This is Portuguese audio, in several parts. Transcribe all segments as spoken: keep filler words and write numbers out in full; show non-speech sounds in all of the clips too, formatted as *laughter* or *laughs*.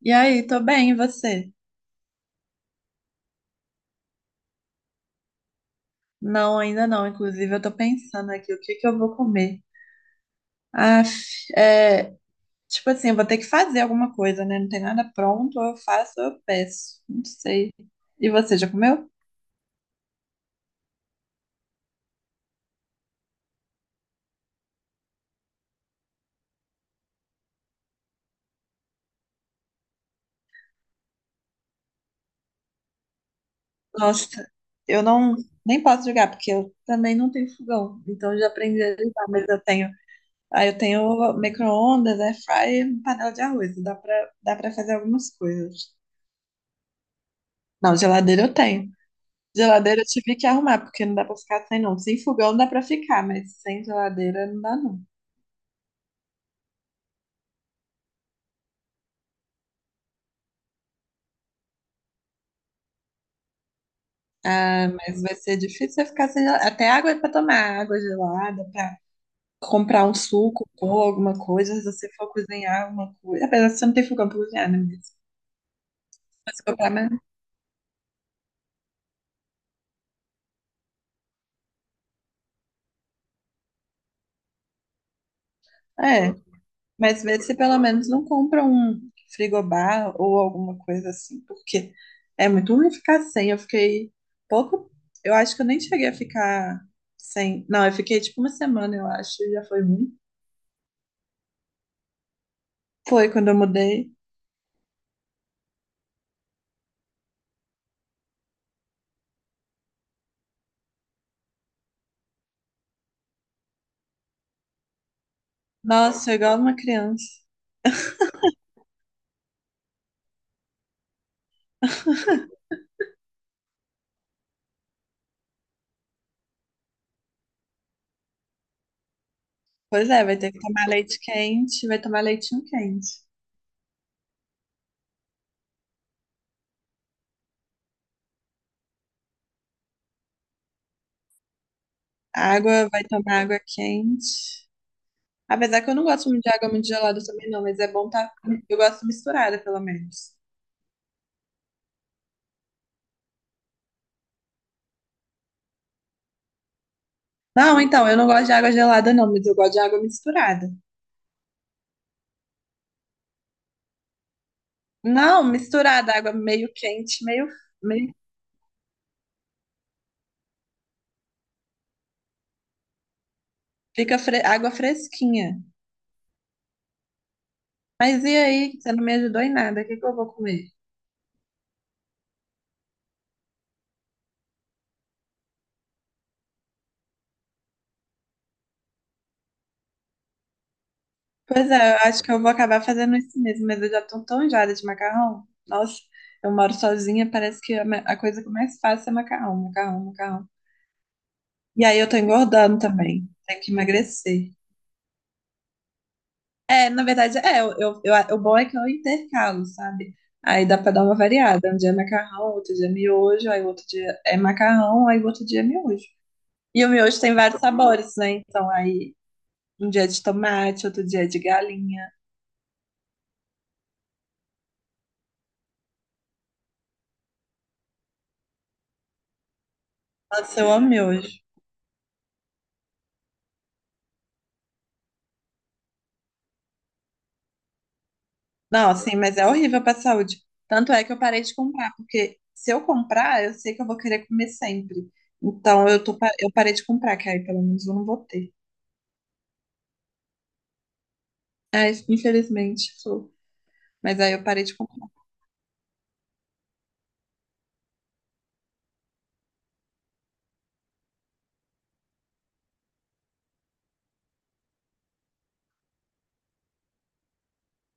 E aí, tô bem, e você? Não, ainda não. Inclusive, eu tô pensando aqui, o que que eu vou comer? Ah, é, tipo assim, eu vou ter que fazer alguma coisa, né? Não tem nada pronto, ou eu faço ou eu peço. Não sei. E você, já comeu? Nossa, eu não, nem posso jogar, porque eu também não tenho fogão. Então, eu já aprendi a ligar, mas eu tenho. Ah, eu tenho micro-ondas, air fryer, panela de arroz. Dá pra, dá pra fazer algumas coisas. Não, geladeira eu tenho. Geladeira eu tive que arrumar, porque não dá pra ficar sem não. Sem fogão dá pra ficar, mas sem geladeira não dá não. Ah, mas vai ser difícil você ficar sem geladeira. Até água é pra tomar, água gelada, pra comprar um suco, pôr alguma coisa, se você for cozinhar alguma coisa. Apesar de você não ter fogão pra cozinhar, né? Mas se você comprar, mas. É. Mas vê se pelo menos não compra um frigobar ou alguma coisa assim, porque é muito ruim ficar sem. Eu fiquei pouco. Eu acho que eu nem cheguei a ficar sem. Não, eu fiquei tipo uma semana, eu acho, e já foi ruim. Foi quando eu mudei. Nossa, igual uma criança. Pois é, vai ter que tomar leite quente, vai tomar leitinho quente. Água, vai tomar água quente. Apesar que eu não gosto muito de água muito gelada também, não, mas é bom tá. Eu gosto misturada, pelo menos. Não, então, eu não gosto de água gelada, não, mas eu gosto de água misturada. Não, misturada, água meio quente, meio, meio fica fre- água fresquinha. Mas e aí, você não me ajudou em nada, o que que eu vou comer? Pois é, eu acho que eu vou acabar fazendo isso mesmo, mas eu já tô tão enjoada de macarrão. Nossa, eu moro sozinha, parece que a, me- a coisa que eu mais faço é macarrão, macarrão, macarrão. E aí eu tô engordando também, tenho que emagrecer. É, na verdade, é, eu, eu, eu- o bom é que eu intercalo, sabe? Aí dá pra dar uma variada. Um dia é macarrão, outro dia é miojo, aí outro dia é macarrão, aí outro dia é miojo. E o miojo tem vários sabores, né? Então aí um dia é de tomate, outro dia é de galinha. Nossa, eu amo miojo. Não, assim, mas é horrível pra saúde. Tanto é que eu parei de comprar, porque se eu comprar, eu sei que eu vou querer comer sempre. Então eu tô, pa- eu parei de comprar, que aí pelo menos eu não vou ter. Ai, infelizmente, sou. Mas aí eu parei de comprar.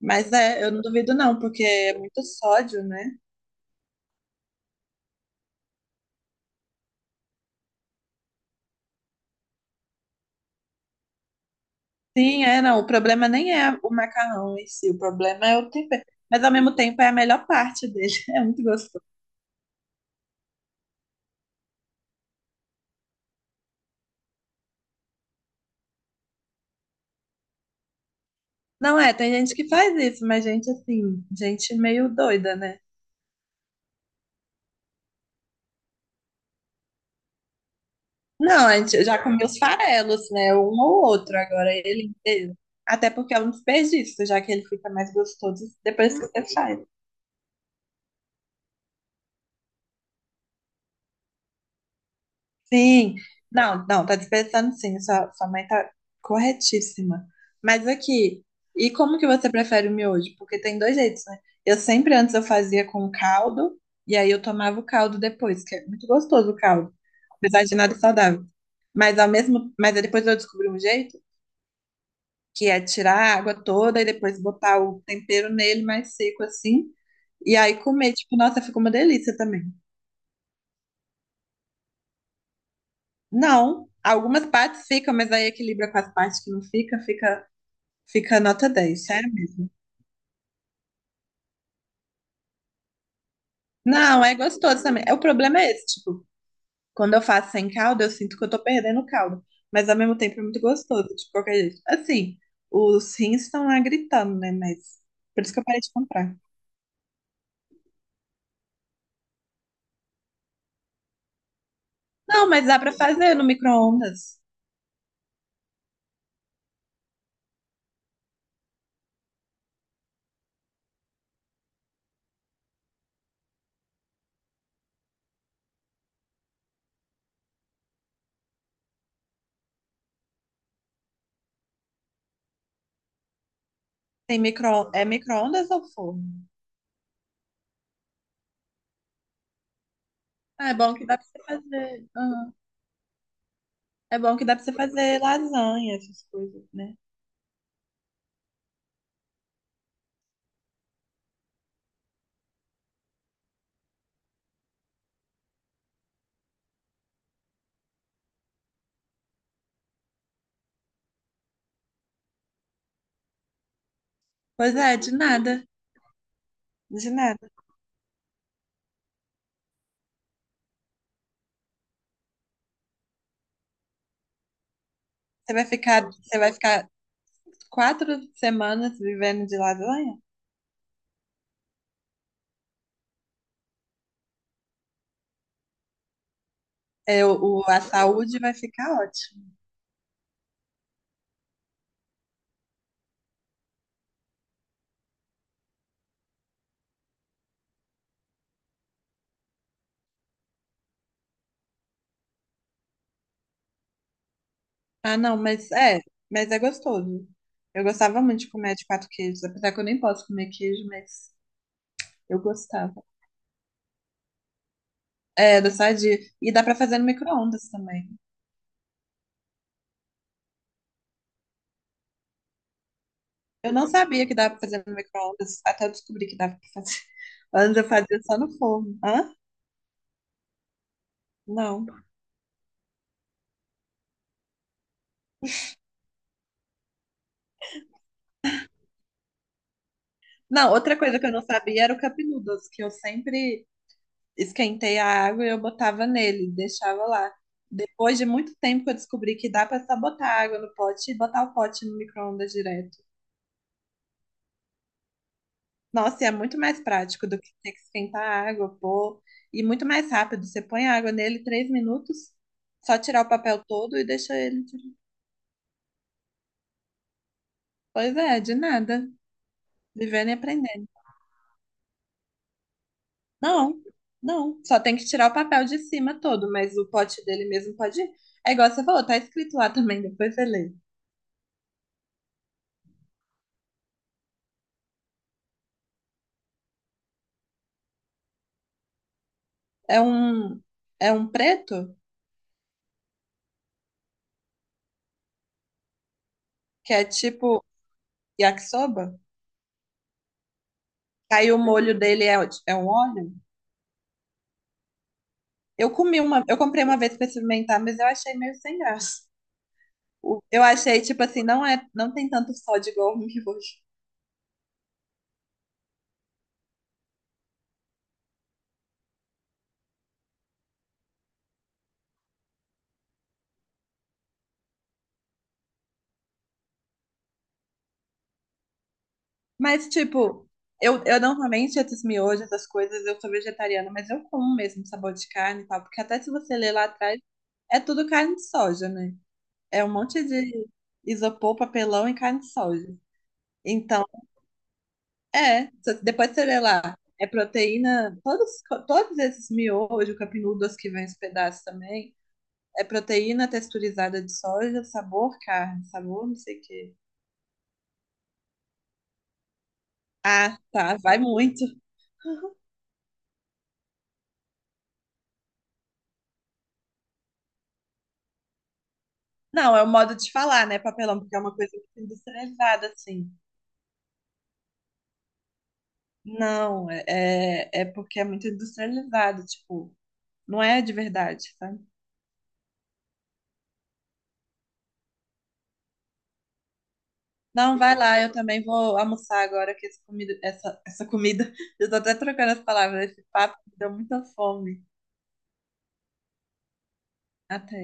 Mas é, eu não duvido não, porque é muito sódio, né? Sim, é, não. O problema nem é o macarrão em si, o problema é o tempero. Mas ao mesmo tempo é a melhor parte dele, *laughs* é muito gostoso. Não é, tem gente que faz isso, mas gente assim, gente meio doida, né? Não, a gente eu já comi os farelos, né? Um ou outro, agora ele inteiro. Até porque é um desperdício, já que ele fica mais gostoso depois que você faz. Sim, não, não, tá desperdiçando sim, sua, sua mãe tá corretíssima. Mas aqui, e como que você prefere o miojo? Porque tem dois jeitos, né? Eu sempre antes eu fazia com caldo, e aí eu tomava o caldo depois, que é muito gostoso o caldo, apesar de nada saudável. Mas ao mesmo, mas aí depois eu descobri um jeito, que é tirar a água toda e depois botar o tempero nele mais seco assim, e aí comer, tipo, nossa, ficou uma delícia também. Não, algumas partes ficam, mas aí equilibra com as partes que não fica, fica, fica nota dez, sério mesmo. Não, é gostoso também. É. O problema é esse, tipo, quando eu faço sem caldo, eu sinto que eu tô perdendo o caldo, mas ao mesmo tempo é muito gostoso, de qualquer jeito. Assim, os rins estão lá gritando, né? Mas por isso que eu parei de comprar. Não, mas dá pra fazer no micro-ondas. Tem micro... É micro-ondas ou forno? Ah, é bom que dá pra você fazer. aham. É bom que dá pra você fazer lasanha, essas coisas, né? Pois é, de nada. De nada. Você vai ficar, você vai ficar quatro semanas vivendo de lasanha? É, o, o- a saúde vai ficar ótima. Ah, não, mas é, mas é gostoso. Eu gostava muito de comer de quatro queijos, apesar que eu nem posso comer queijo, mas eu gostava. É, da sadia. E dá pra fazer no micro-ondas também. Eu não sabia que dava pra fazer no micro-ondas, até eu descobri que dava pra fazer. *laughs* Antes eu fazia só no forno. Hã? Não. Não, outra coisa que eu não sabia era o cup noodles, que eu sempre esquentei a água e eu botava nele, deixava lá. Depois de muito tempo que eu descobri que dá pra só botar água no pote e botar o pote no micro-ondas direto. Nossa, e é muito mais prático do que ter que esquentar a água, pô. E muito mais rápido. Você põe a água nele três minutos, só tirar o papel todo e deixa ele. Pois é, de nada. Vivendo e aprendendo. Não, não. Só tem que tirar o papel de cima todo, mas o pote dele mesmo pode ir. É igual você falou, tá escrito lá também, depois você lê. É um, é um preto que é tipo yakisoba. Aí o molho dele é, o- é um óleo. Eu comi uma, eu comprei uma vez pra experimentar, mas eu achei meio sem graça. O- Eu achei, tipo assim, não é, não tem tanto sódio igual o miojo. Mas, tipo, eu, eu normalmente esses miojos, essas coisas, eu sou vegetariana, mas eu como mesmo sabor de carne e tal, porque até se você ler lá atrás, é tudo carne de soja, né? É um monte de isopor, papelão e carne de soja. Então, é, só que depois você lê lá. É proteína, todos, todos esses miojo, capinudos que vem os pedaços também, é proteína texturizada de soja, sabor carne, sabor não sei o quê. Ah, tá, vai muito. Não, é o modo de falar, né, papelão, porque é uma coisa muito industrializada, assim. Não, é, é é porque é muito industrializado, tipo, não é de verdade, sabe? Não, vai lá, eu também vou almoçar agora que essa comida, essa, essa comida, *laughs* eu tô até trocando as palavras, esse papo me deu muita fome. Até.